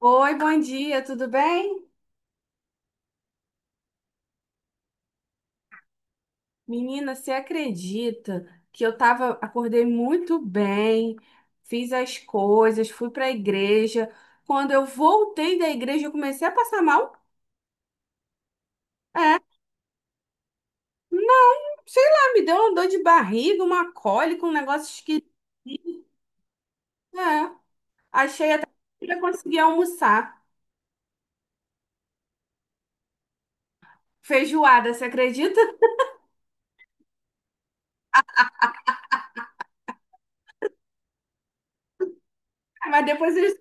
Oi, bom dia, tudo bem? Menina, você acredita que acordei muito bem, fiz as coisas, fui para a igreja. Quando eu voltei da igreja, eu comecei a passar mal. É, não, sei lá, me deu uma dor de barriga, uma cólica, um negócio esquisito. É, achei até que eu ia conseguir almoçar. Feijoada, você acredita? Mas depois eles.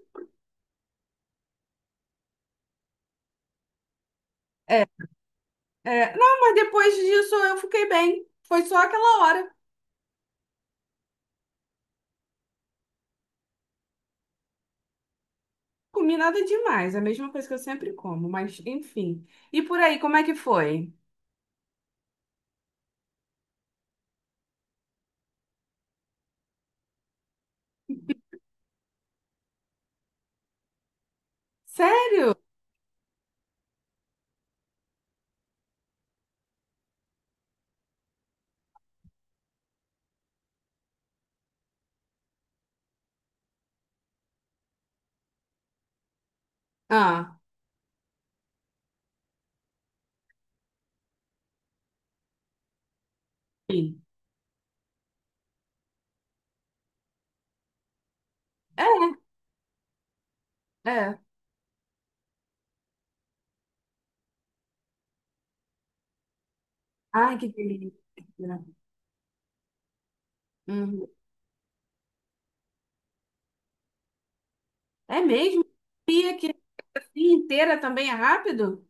É, não, mas depois disso eu fiquei bem. Foi só aquela hora. Comi nada demais, é a mesma coisa que eu sempre como, mas enfim. E por aí, como é que foi? Sério? Ah, sim. É, é. Ai, que delícia. Uhum. É mesmo? Pia que a pia inteira também é rápido?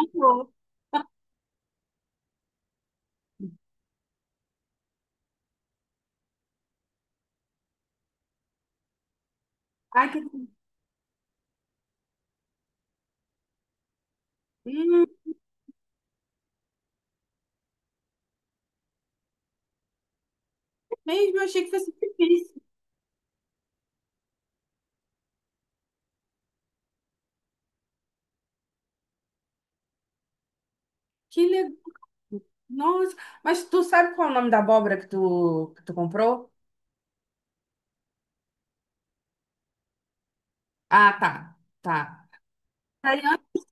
Uhum. Ai, que... Hum, é mesmo, eu achei que fosse difícil. Que legal. Nossa, mas tu sabe qual é o nome da abóbora que tu comprou? Ah, tá, tá. Aí, antes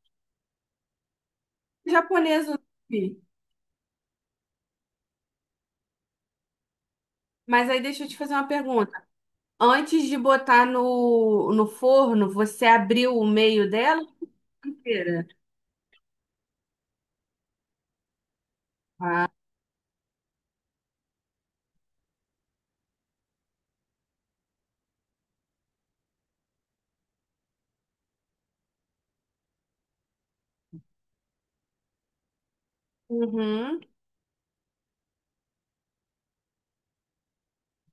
japonesa, eu não mas aí deixa eu te fazer uma pergunta. Antes de botar no forno, você abriu o meio dela inteira? Ah, uhum.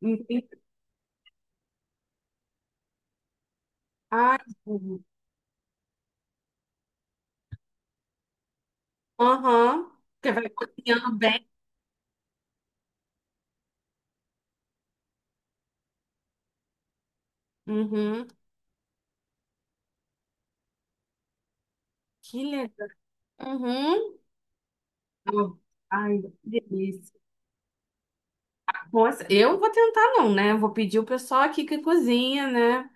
Entendi. Ah, entendi. Aham. Porque vai cozinhando bem. Uhum. Que legal. Uhum. Oh, ai, que delícia. Nossa, eu vou tentar não, né? Eu vou pedir o pessoal aqui que cozinha, né?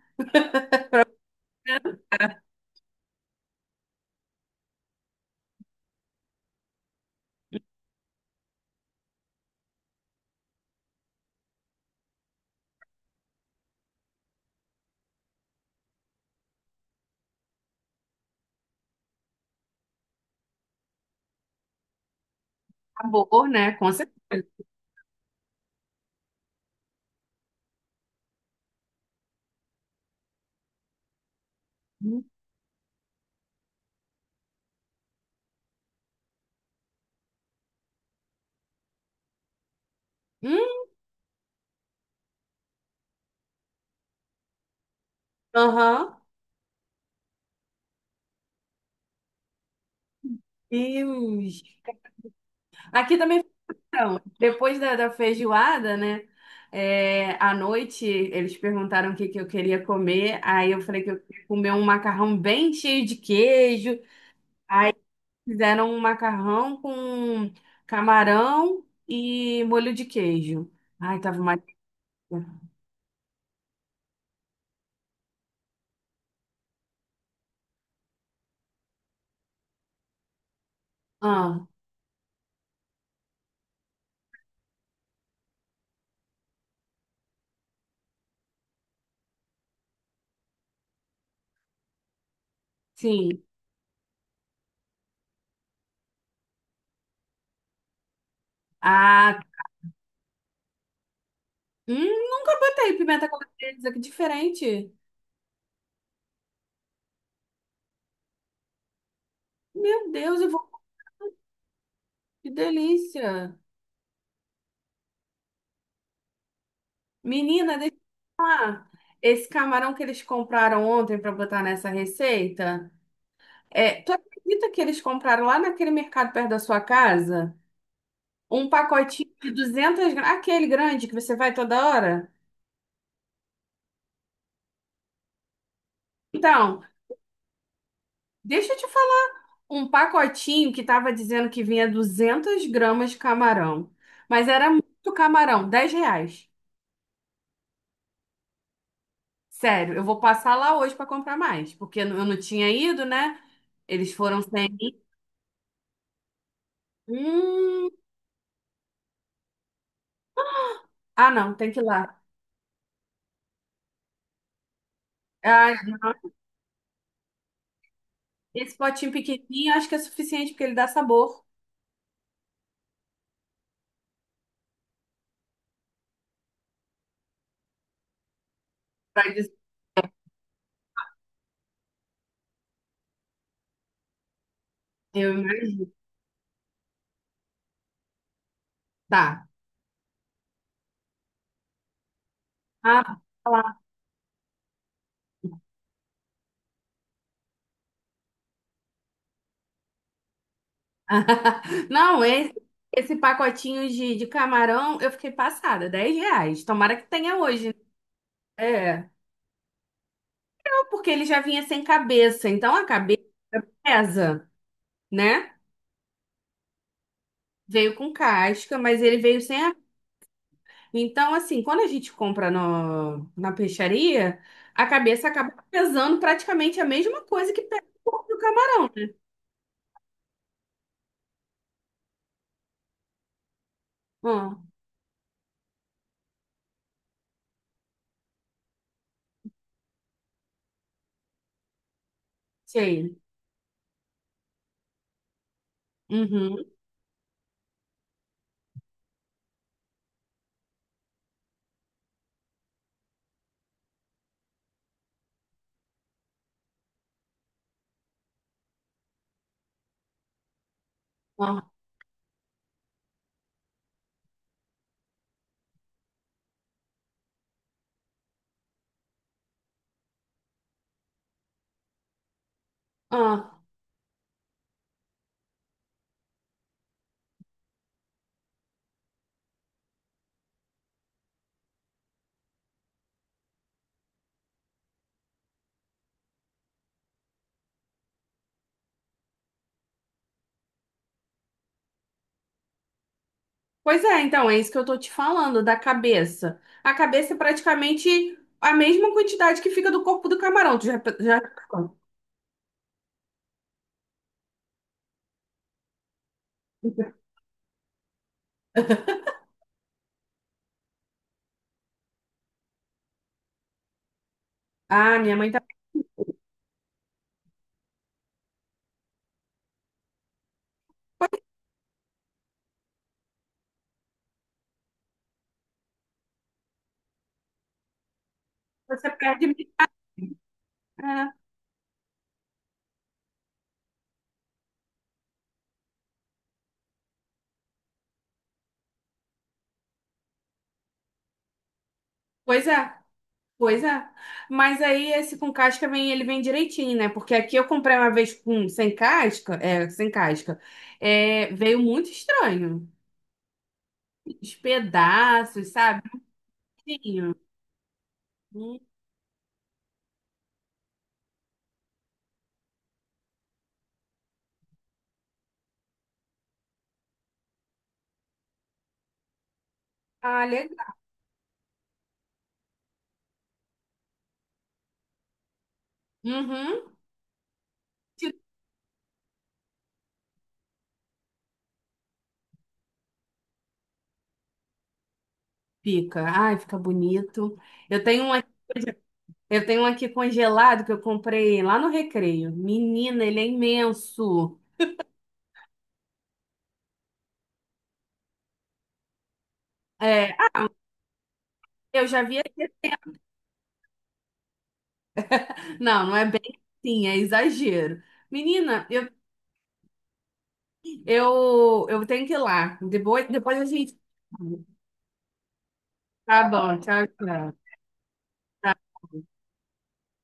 Sabor, né? Com certeza. Hum, aham. Deus. Aqui também então, depois da feijoada, né? É, à noite eles perguntaram que eu queria comer. Aí eu falei que eu queria comer um macarrão bem cheio de queijo. Fizeram um macarrão com camarão e molho de queijo. Ai, tava uma. Ah, sim. Ah, nunca botei pimenta calabresa, que diferente. Meu Deus, eu vou. Que delícia! Menina, deixa eu te falar. Esse camarão que eles compraram ontem para botar nessa receita, é, tu acredita que eles compraram lá naquele mercado perto da sua casa? Um pacotinho de 200 gramas, aquele grande que você vai toda hora? Então, deixa eu te falar. Um pacotinho que tava dizendo que vinha 200 gramas de camarão, mas era muito camarão, R$ 10. Sério, eu vou passar lá hoje para comprar mais, porque eu não tinha ido, né? Eles foram sem mim. Hum. Ah, não, tem que ir lá. Ah, esse potinho pequenininho acho que é suficiente porque ele dá sabor. Pra dizer, eu imagino. Tá. Ah, tá lá. Não, esse pacotinho de camarão eu fiquei passada, R$ 10. Tomara que tenha hoje. Né? É. Não, porque ele já vinha sem cabeça, então a cabeça pesa, né? Veio com casca, mas ele veio sem a... Então, assim, quando a gente compra no, na peixaria, a cabeça acaba pesando praticamente a mesma coisa que pesa o corpo do ah, sei. Uhum. Ah, ah. Pois é, então, é isso que eu tô te falando, da cabeça. A cabeça é praticamente a mesma quantidade que fica do corpo do camarão. Tu já... Ah, minha mãe tá. Você perde. É, pois é, pois é. Mas aí esse com casca vem, ele vem direitinho, né? Porque aqui eu comprei uma vez com sem casca, é, sem casca. É, veio muito estranho. Os pedaços, sabe? Tinha. Hum, Ah, legal. Uhum. Fica, ai, fica bonito. Eu tenho um, aqui- eu tenho um aqui congelado que eu comprei lá no Recreio. Menina, ele é imenso. É, ah, eu já vi. Não, não é bem assim, é exagero. Menina, eu, eu tenho que ir lá. Depois a gente. Tá bom, tchau, tchau.